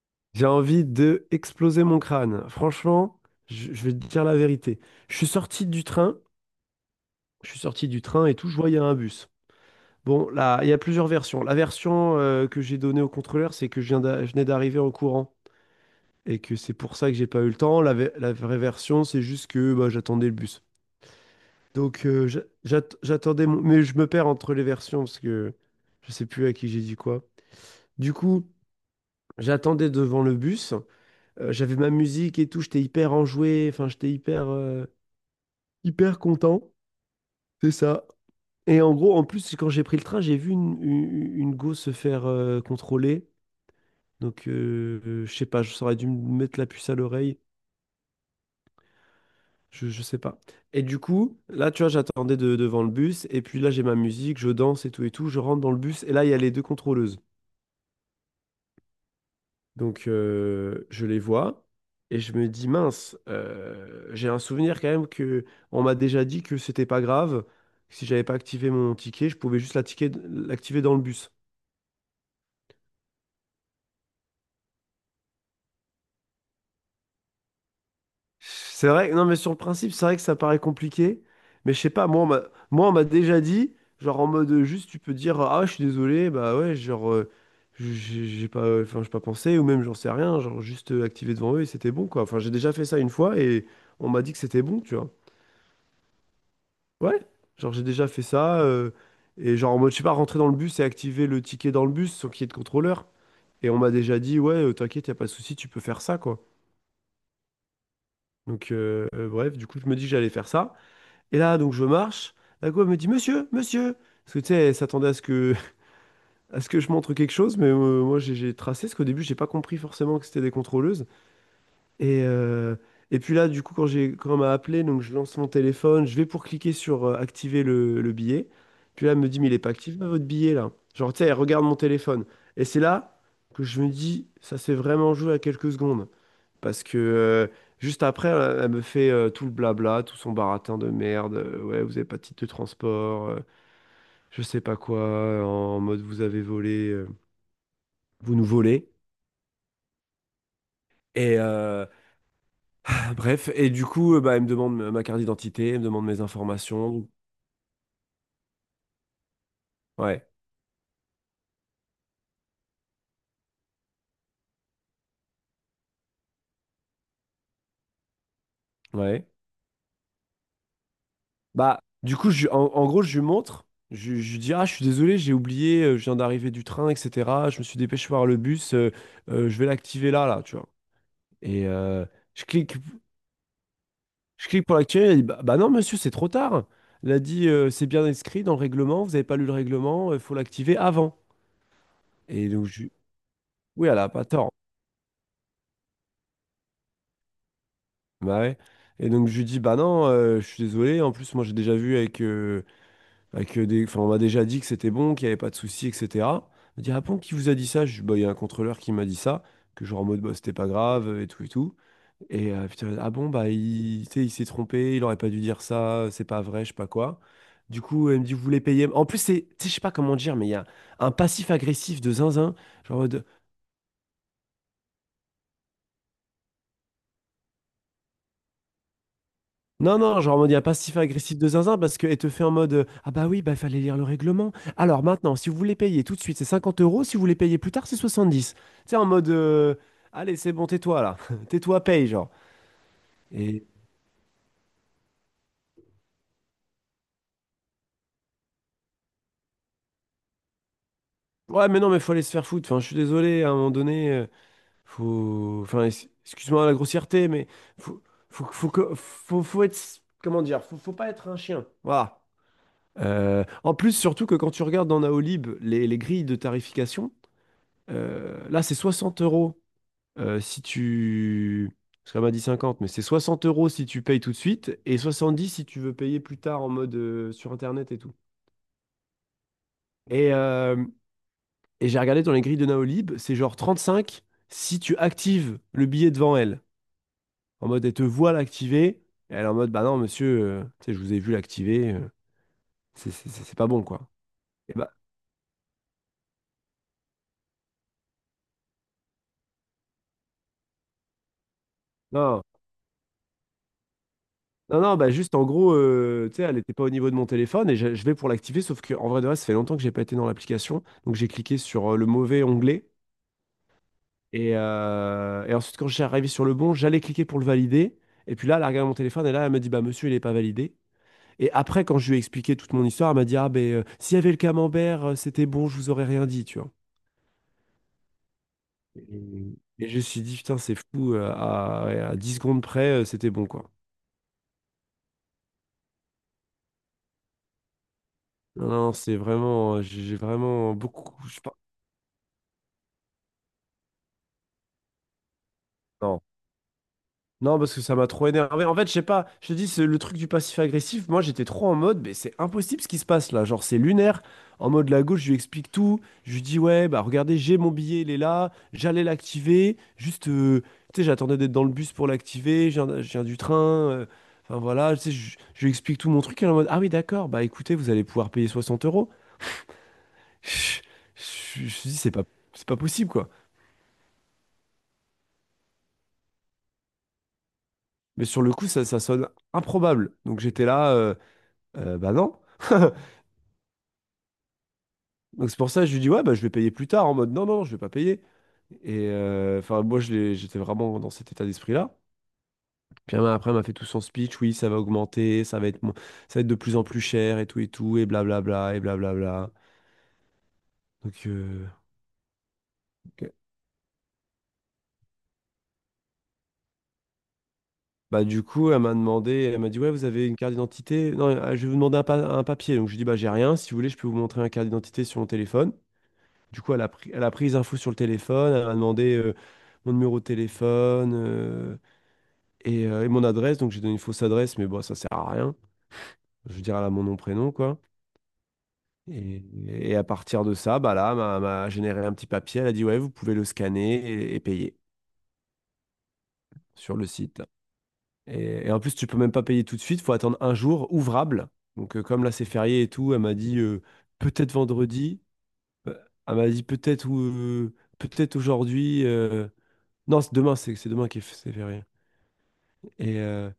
J'ai envie de exploser mon crâne. Franchement, je vais te dire la vérité. Je suis sorti du train, et tout, je vois, il y a un bus. Bon, là, il y a plusieurs versions. La version que j'ai donnée au contrôleur, c'est que je venais d'arriver en courant et que c'est pour ça que j'ai pas eu le temps. La vraie version, c'est juste que bah, j'attendais le bus. Donc, j'attendais mon. Mais je me perds entre les versions parce que je sais plus à qui j'ai dit quoi. Du coup, j'attendais devant le bus. J'avais ma musique et tout, j'étais hyper enjoué, enfin j'étais hyper content, c'est ça. Et en gros, en plus, quand j'ai pris le train, j'ai vu une go se faire contrôler. Donc, je sais pas, j'aurais dû me mettre la puce à l'oreille, je sais pas. Et du coup, là, tu vois, j'attendais devant le bus, et puis là, j'ai ma musique, je danse et tout, je rentre dans le bus, et là, il y a les deux contrôleuses. Donc, je les vois et je me dis, mince, j'ai un souvenir quand même que on m'a déjà dit que c'était pas grave, que si j'avais pas activé mon ticket, je pouvais juste l'activer dans le bus. C'est vrai, non, mais sur le principe, c'est vrai que ça paraît compliqué, mais je sais pas, moi, on m'a déjà dit, genre en mode juste, tu peux dire, ah, je suis désolé, bah ouais, genre, j'ai pas, enfin, j'ai pas pensé, ou même j'en sais rien, genre juste activer devant eux et c'était bon, quoi. Enfin, j'ai déjà fait ça une fois et on m'a dit que c'était bon, tu vois. Ouais, genre j'ai déjà fait ça, et genre en mode, je sais pas, rentrer dans le bus et activer le ticket dans le bus sans qu'il y ait de contrôleur. Et on m'a déjà dit, ouais, t'inquiète, y a pas de souci, tu peux faire ça, quoi. Donc, bref, du coup, je me dis que j'allais faire ça. Et là, donc, je marche. La go, elle me dit, monsieur, monsieur. Parce que, tu sais, elle s'attendait à ce que, à ce que je montre quelque chose, mais moi, j'ai tracé, parce qu'au début, j'ai pas compris forcément que c'était des contrôleuses. Et, euh, et puis là, du coup, quand on m'a appelé, donc je lance mon téléphone, je vais pour cliquer sur activer le billet. Puis là, elle me dit, mais il est pas activé votre billet là. Genre, tu sais, elle regarde mon téléphone. Et c'est là que je me dis, ça s'est vraiment joué à quelques secondes. Parce que juste après, elle, elle me fait tout le blabla, tout son baratin de merde. Ouais, vous avez pas de titre de transport, je sais pas quoi, en mode vous avez volé, vous nous volez. Et, euh, Bref, et du coup, bah, elle me demande ma carte d'identité, elle me demande mes informations. Ouais, ouais. Bah, du coup, en gros, je lui montre, je lui dis, ah, je suis désolé, j'ai oublié, je viens d'arriver du train, etc. Je me suis dépêché par le bus, je vais l'activer là, tu vois. Et je clique, je clique pour l'activer, elle dit, bah non, monsieur, c'est trop tard. Elle a dit, c'est bien inscrit dans le règlement, vous n'avez pas lu le règlement, il faut l'activer avant. Et donc, oui, elle a pas tort. Bah ouais. Et donc je lui dis, bah non, je suis désolé, en plus moi j'ai déjà vu avec des. Enfin, on m'a déjà dit que c'était bon, qu'il n'y avait pas de souci, etc. On m'a dit, ah bon, qui vous a dit ça? Je dis, bah, il y a un contrôleur qui m'a dit ça, que genre en mode, bah, c'était pas grave, et tout, et tout. Et putain, ah bon, bah, il, tu sais, il s'est trompé, il aurait pas dû dire ça, c'est pas vrai, je sais pas quoi. Du coup, elle me dit, vous voulez payer. En plus, c'est, tu sais, je sais pas comment dire, mais il y a un passif agressif de zinzin, genre en mode, non, non, genre en mode, il n'y a pas si fait agressif de zinzin parce qu'elle te fait en mode, ah bah oui, bah il fallait lire le règlement. Alors maintenant, si vous voulez payer tout de suite, c'est 50 euros. Si vous voulez payer plus tard, c'est 70. Tu sais, en mode, allez, c'est bon, tais-toi là. Tais-toi, paye, genre. Et ouais, mais non, mais faut aller se faire foutre. Enfin, je suis désolé, à un moment donné, faut. Enfin, excuse-moi la grossièreté, mais faut, faut être. Comment dire? Faut, faut pas être un chien. Voilà. En plus, surtout que quand tu regardes dans Naolib les grilles de tarification, là, c'est 60 euros si tu. Parce qu'elle m'a dit 50, mais c'est 60 euros si tu payes tout de suite et 70 si tu veux payer plus tard en mode sur Internet et tout. Et, euh, et j'ai regardé dans les grilles de Naolib, c'est genre 35 si tu actives le billet devant elle. En mode, elle te voit l'activer. Et elle est en mode, bah non, monsieur, tu sais, je vous ai vu l'activer. C'est pas bon, quoi. Et bah, non. Non, non, bah juste en gros, tu sais, elle n'était pas au niveau de mon téléphone et je vais pour l'activer, sauf que en vrai de vrai, ça fait longtemps que j'ai pas été dans l'application. Donc j'ai cliqué sur le mauvais onglet et ensuite quand j'ai arrivé sur le bon, j'allais cliquer pour le valider. Et puis là, elle a regardé mon téléphone et là, elle me dit, bah monsieur, il n'est pas validé. Et après, quand je lui ai expliqué toute mon histoire, elle m'a dit, ah ben s'il y avait le camembert, c'était bon, je vous aurais rien dit, tu vois. Et, et je me suis dit, putain, c'est fou, ouais, à 10 secondes près, c'était bon, quoi. Non, non, c'est vraiment, j'ai vraiment beaucoup. Je sais pas. Non, parce que ça m'a trop énervé. En fait, je sais pas, je te dis, c'est le truc du passif agressif. Moi, j'étais trop en mode, mais c'est impossible ce qui se passe là. Genre, c'est lunaire. En mode, la gauche, je lui explique tout. Je lui dis, ouais, bah regardez, j'ai mon billet, il est là. J'allais l'activer. Juste, tu sais, j'attendais d'être dans le bus pour l'activer. Je viens du train. euh, Enfin, voilà, tu sais, je lui explique tout mon truc. Elle est en mode, ah oui, d'accord, bah écoutez, vous allez pouvoir payer 60 euros. Je je je me suis dit, c'est pas possible, quoi. Mais sur le coup, ça sonne improbable. Donc, j'étais là, bah non. Donc c'est pour ça que je lui dis, ouais, bah, je vais payer plus tard, en mode, non, non, je vais pas payer. Et enfin, moi, j'étais vraiment dans cet état d'esprit-là. Puis après, elle m'a fait tout son speech, oui, ça va augmenter, ça va être de plus en plus cher, et tout, et tout, et blablabla, et blablabla. Donc, ok. Bah, du coup, elle m'a dit, ouais, vous avez une carte d'identité? Non, je vais vous demander un papier. Donc, je lui dis, bah, j'ai rien, si vous voulez, je peux vous montrer un carte d'identité sur mon téléphone. Du coup, elle a pris les infos sur le téléphone, elle m'a demandé mon numéro de téléphone. Et mon adresse, donc j'ai donné une fausse adresse, mais bon, ça sert à rien. Je veux dire, elle a mon nom, prénom, quoi. Et à partir de ça, bah là, m'a généré un petit papier. Elle a dit, ouais, vous pouvez le scanner et payer sur le site. Et en plus, tu peux même pas payer tout de suite, faut attendre un jour ouvrable. Donc, comme là, c'est férié et tout, elle m'a dit, peut-être vendredi. Euh, Elle m'a dit, peut-être ou peut-être aujourd'hui. Non, c'est demain, c'est demain qui est c'est férié. Et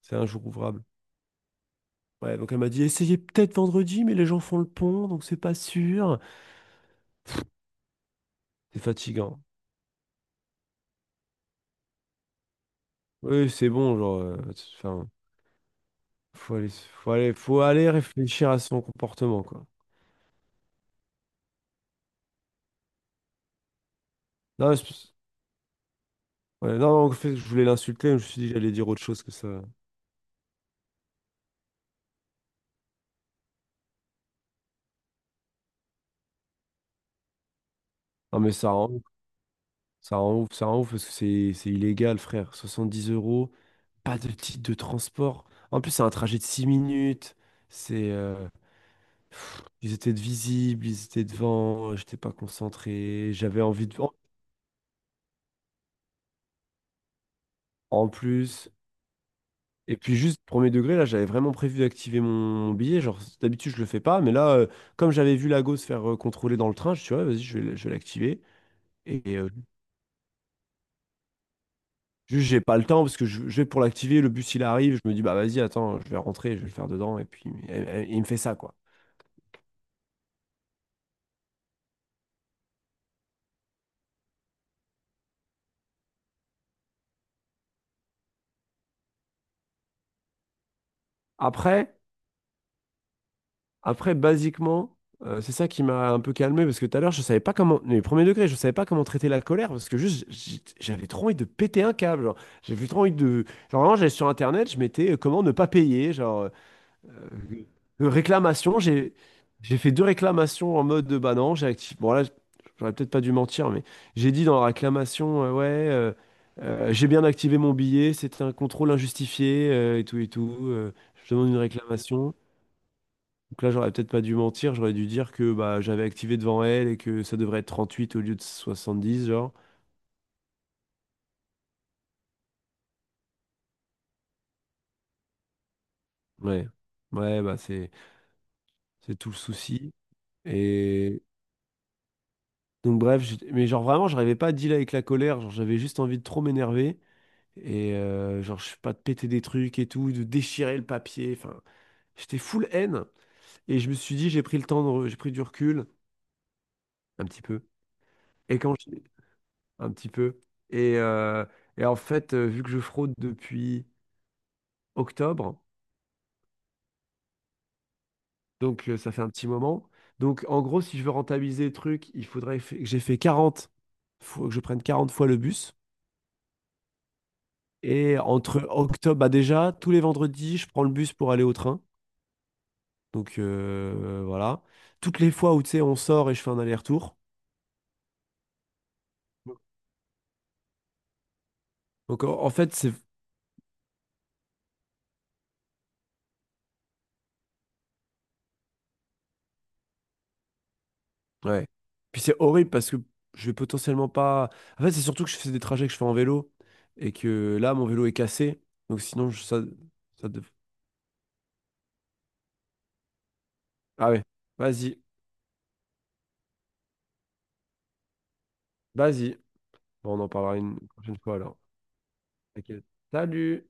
c'est un jour ouvrable. Ouais, donc elle m'a dit, essayez peut-être vendredi, mais les gens font le pont, donc c'est pas sûr. C'est fatigant. Oui, c'est bon, genre, enfin, faut aller, faut aller, faut aller réfléchir à son comportement, quoi. Non, c'est- ouais, non, en fait, je voulais l'insulter, mais je me suis dit que j'allais dire autre chose que ça. Non, mais ça rend ouf, ça rend ouf, ça rend ouf, parce que c'est illégal, frère. 70 euros, pas de titre de transport. En plus, c'est un trajet de 6 minutes. C'est, pff, ils étaient de visibles, ils étaient devant, j'étais pas concentré, j'avais envie de… En plus. Et puis juste premier degré, là, j'avais vraiment prévu d'activer mon billet. Genre, d'habitude, je le fais pas, mais là, comme j'avais vu Lago se faire contrôler dans le train, je suis ouais, vas-y, je vais, je vais l'activer. Et juste, j'ai pas le temps parce que je vais pour l'activer, le bus il arrive, je me dis bah vas-y, attends, je vais rentrer, je vais le faire dedans, et puis il me fait ça quoi. Après, Après, basiquement, c'est ça qui m'a un peu calmé parce que tout à l'heure, je savais pas comment, les premiers degrés, je savais pas comment traiter la colère parce que juste, j'avais trop envie de péter un câble, genre. J'avais trop envie de. Genre, vraiment, j'allais sur Internet, je mettais comment ne pas payer, genre, réclamation. J'ai fait deux réclamations en mode de bah non, j'ai activé. Bon, là, j'aurais peut-être pas dû mentir, mais j'ai dit dans la réclamation, ouais, j'ai bien activé mon billet, c'était un contrôle injustifié et tout et tout. Je demande une réclamation. Donc là, j'aurais peut-être pas dû mentir, j'aurais dû dire que bah, j'avais activé devant elle et que ça devrait être 38 au lieu de 70, genre. Ouais, ouais, bah c'est tout le souci. Et donc bref, mais genre vraiment, j'arrivais pas à dealer avec la colère, genre j'avais juste envie de trop m'énerver et genre je sais pas de péter des trucs et tout, de déchirer le papier, enfin, j'étais full haine et je me suis dit j'ai pris le temps de j'ai pris du recul un petit peu. Et quand j'ai un petit peu et euh, et en fait, vu que je fraude depuis octobre. Donc, ça fait un petit moment. Donc, en gros, si je veux rentabiliser le truc, il faudrait fa- que j'ai fait 40 faut que je prenne 40 fois le bus. Et entre octobre, bah déjà, tous les vendredis, je prends le bus pour aller au train. Donc, voilà. Toutes les fois où, tu sais, on sort et je fais un aller-retour. Donc, en fait, c'est… Ouais. Puis c'est horrible parce que je vais potentiellement pas… En fait, c'est surtout que je fais des trajets que je fais en vélo et que là, mon vélo est cassé. Donc, sinon, ça… ça dev- Ah ouais. Vas-y. Vas-y. Bon, on en parlera une prochaine fois alors. Ok. Salut!